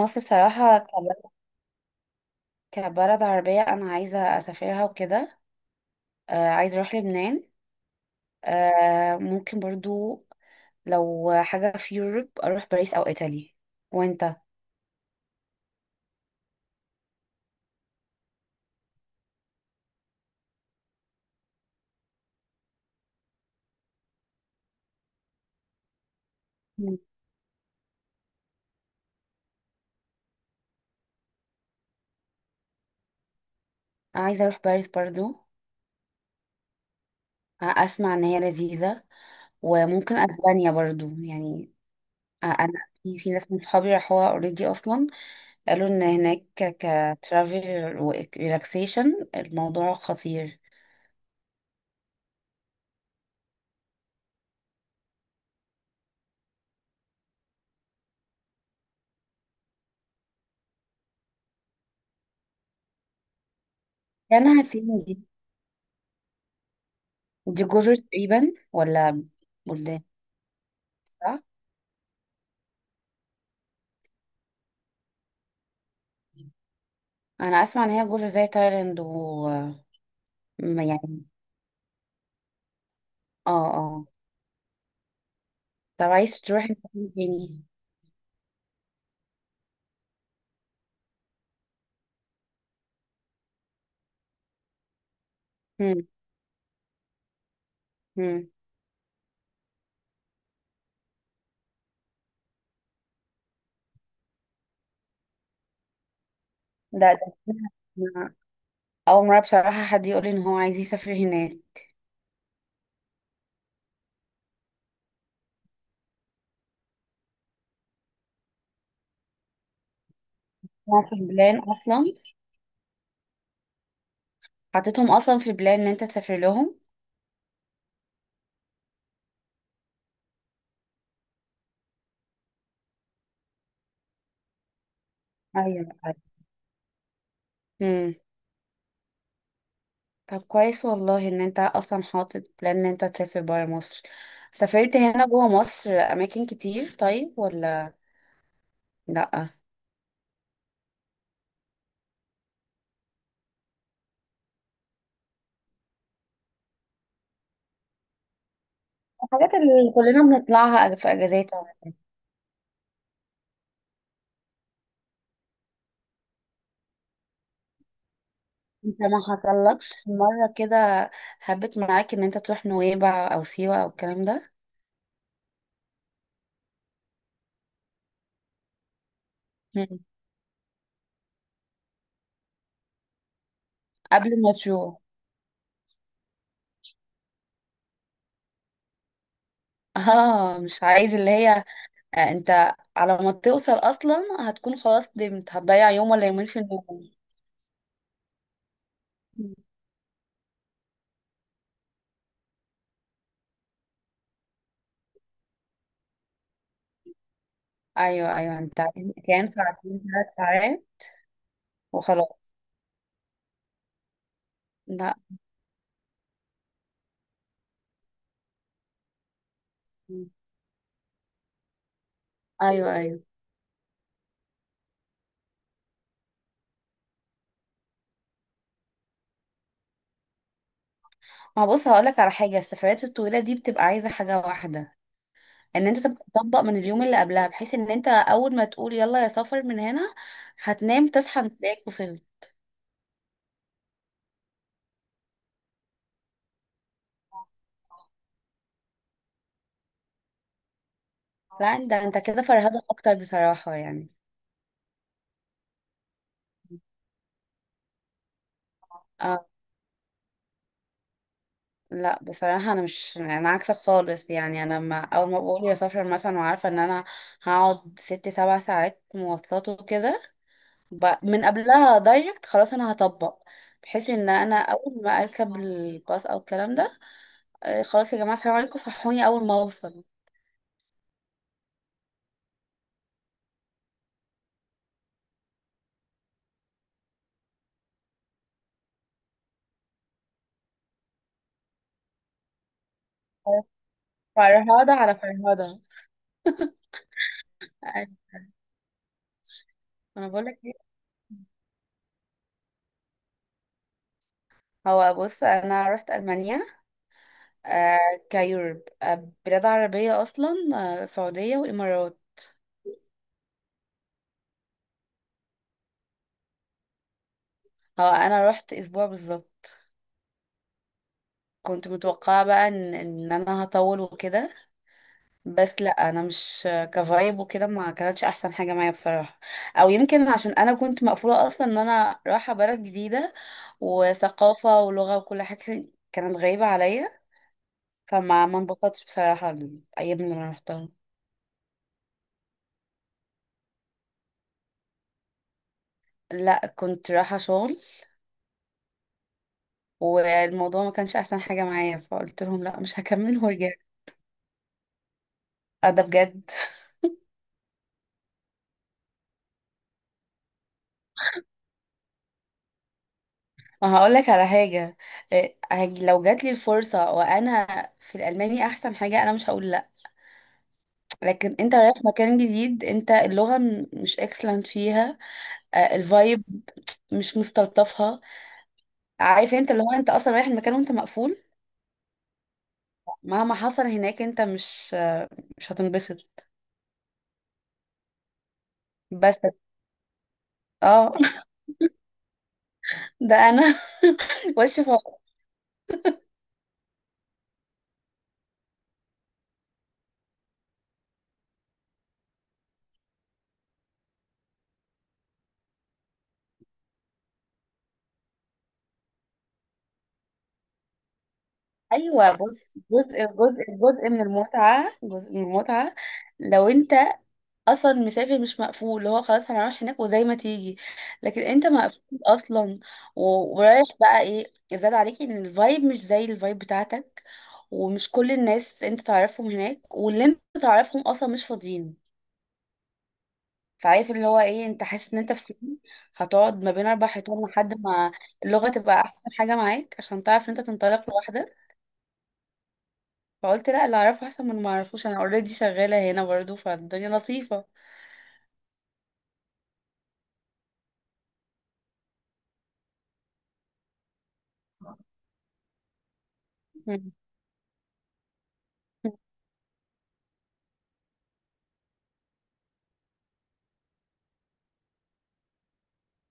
مصر بصراحة كبلد عربية، أنا عايزة أسافرها وكده. آه، عايزة أروح لبنان. آه، ممكن برضو. لو حاجة في يوروب أروح باريس أو إيطالي. وأنت؟ مم. عايزة أروح باريس برضو. آه، أسمع إن هي لذيذة. وممكن أسبانيا برضو يعني. آه، أنا في ناس من صحابي راحوها أوريدي أصلا. قالوا إن هناك كترافل وريلاكسيشن الموضوع خطير. يعني هتفيدني. دي جزر تقريبا ولا بلدان؟ صح. انا اسمع ان هي جزر زي تايلاند و يعني. اه، اه. طب عايز تروح مكان تاني؟ هم، هم. ده ده أنا اول مره بصراحه حد يقول لي ان هو عايز يسافر هناك. هو في البلان اصلا؟ حطيتهم اصلا في البلان ان انت تسافر لهم. ايوه، ايوه. هم. طب كويس والله ان انت اصلا حاطط بلان ان انت تسافر برا مصر. سافرت هنا جوه مصر اماكن كتير طيب ولا لا؟ الحاجات اللي كلنا بنطلعها في اجازات يعني. انت ما حصلكش مره كده هبت معاك ان انت تروح نويبع او سيوه او الكلام ده؟ مم. قبل ما تشوف. اه، مش عايز اللي هي. آه، انت على ما توصل اصلا هتكون خلاص، دمت هتضيع يوم ولا يومين في النوم. مم. ايوه، ايوه. انت كام ساعتين، ثلاث ساعات وخلاص. لا. مم. ايوه، ايوه. ما بص هقولك على حاجه، السفريات الطويله دي بتبقى عايزه حاجه واحده، ان انت تبقى تطبق من اليوم اللي قبلها، بحيث ان انت اول ما تقول يلا يا سفر من هنا هتنام تصحى تلاقيك وصلت. لا، انت كده فرهدة اكتر بصراحة يعني. اه. لا، بصراحة انا، مش انا، عكسك خالص يعني. انا ما اول ما بقول يا سفر مثلا وعارفة ان انا هقعد 6 7 ساعات مواصلات وكده، من قبلها دايركت خلاص انا هطبق، بحيث ان انا اول ما اركب الباص او الكلام ده، آه، خلاص يا جماعة السلام عليكم صحوني اول ما اوصل. فرهدة على فرهدة. انا بقول لك ايه، هو بص انا رحت المانيا. آه، كيورب. آه، بلاد عربيه اصلا، آه، سعوديه وامارات. هو انا رحت اسبوع بالظبط، كنت متوقعه بقى ان انا هطول وكده، بس لا، انا مش كفايب وكده، ما كانتش احسن حاجه معايا بصراحه. او يمكن عشان انا كنت مقفوله اصلا ان انا رايحه بلد جديده وثقافه ولغه وكل حاجه كانت غريبه عليا، فما ما انبسطتش بصراحه الايام اللي انا رحتها. لا، كنت رايحة شغل، والموضوع ما كانش احسن حاجه معايا، فقلت لهم لا مش هكمل ورجعت. اه، ده بجد ما هقول لك على حاجه، إيه، لو جات لي الفرصه وانا في الالماني احسن حاجه انا مش هقول لا. لكن انت رايح مكان جديد، انت اللغه مش اكسلنت فيها، آه، الفايب مش مستلطفها، عارف انت اللي هو انت اصلا رايح المكان وانت مقفول، مهما حصل هناك انت مش هتنبسط. بس. اه ده انا وش فوق. ايوه بص، جزء، جزء، جزء من المتعه، جزء من المتعه. لو انت اصلا مسافر مش مقفول، اللي هو خلاص هنروح هناك وزي ما تيجي. لكن انت مقفول اصلا، و- ورايح، بقى ايه زاد عليك ان الفايب مش زي الفايب بتاعتك، ومش كل الناس انت تعرفهم هناك، واللي انت تعرفهم اصلا مش فاضيين. فعارف اللي هو ايه، انت حاسس ان انت في سجن، هتقعد ما بين اربع حيطان لحد ما اللغه تبقى احسن حاجه معاك عشان تعرف ان انت تنطلق لوحدك. فقلت لا، اللي اعرفه احسن من اللي ما اعرفوش، انا اوريدي شغاله هنا برضو فالدنيا لطيفه. مم.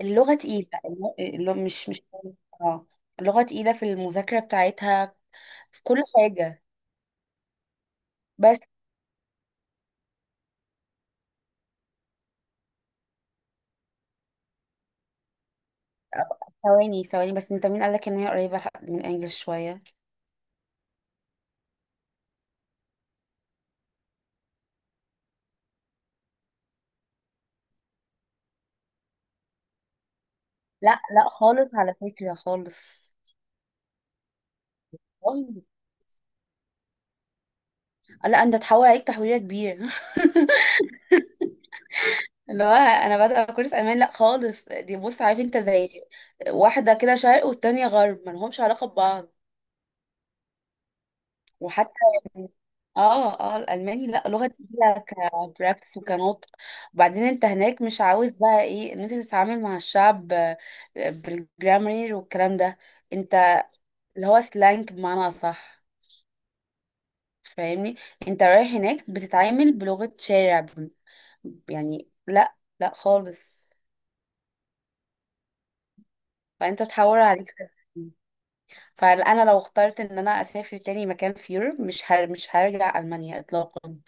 اللغه تقيله، اللغة مش. اه. اللغه تقيله في المذاكره بتاعتها، في كل حاجه. بس. ثواني، ثواني، بس انت مين قالك ان هي قريبه من انجلش شويه؟ لا، لا، خالص، على فكره خالص. والله. لا، انت تحول عليك تحويره كبير اللي هو انا بادئه كورس امان. لا خالص، دي بص، عارف انت زي واحده كده شرق والتانية غرب، ما لهمش علاقه ببعض. وحتى يعني، اه، اه، الالماني لا، لغه تقيله كبراكتس وكنطق. وبعدين انت هناك مش عاوز بقى ايه ان انت تتعامل مع الشعب آه، بالجرامر والكلام ده، انت اللي هو سلانج بمعنى اصح، فاهمني؟ انت رايح هناك بتتعامل بلغه شارع يعني، لا، لا، خالص، فانت تحور عليك. فانا لو اخترت ان انا اسافر تاني مكان في يوروب مش هرجع المانيا اطلاقا.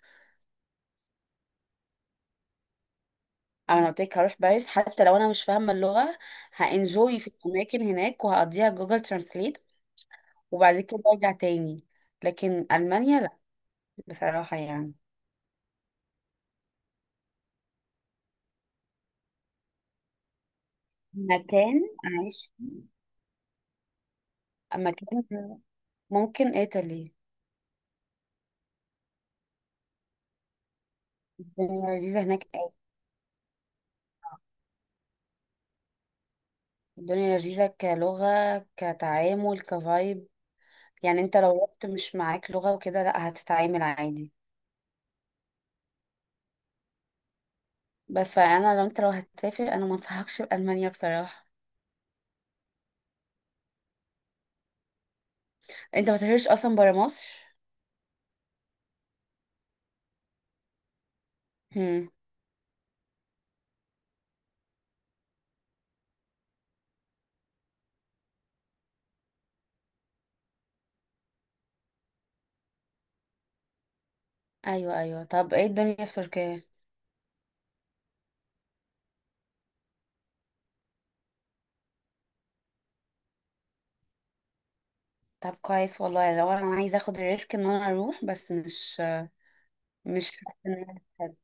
انا قلت لك هروح باريس، حتى لو انا مش فاهمه اللغه هانجوي في الاماكن هناك وهقضيها جوجل ترانسليت، وبعد كده ارجع تاني. لكن المانيا لا، بصراحه يعني. مكان عايش، مكان، ممكن ايطالي. الدنيا لذيذه هناك أوي. الدنيا لذيذه كلغه كتعامل كفايب، يعني انت لو رحت مش معاك لغه وكده لا، هتتعامل عادي. بس فانا لو هتسافر انا ما انصحكش بالمانيا بصراحه. انت ما سافرتش اصلا برا مصر؟ ايوه، ايوه. طب ايه الدنيا في تركيا؟ طب كويس والله، لو انا عايزه اخد الريسك ان انا اروح، بس مش حاسة إن أنا هستعد.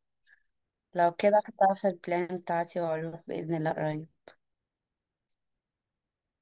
لو كده هحطها في البلان بتاعتي واروح باذن الله قريب.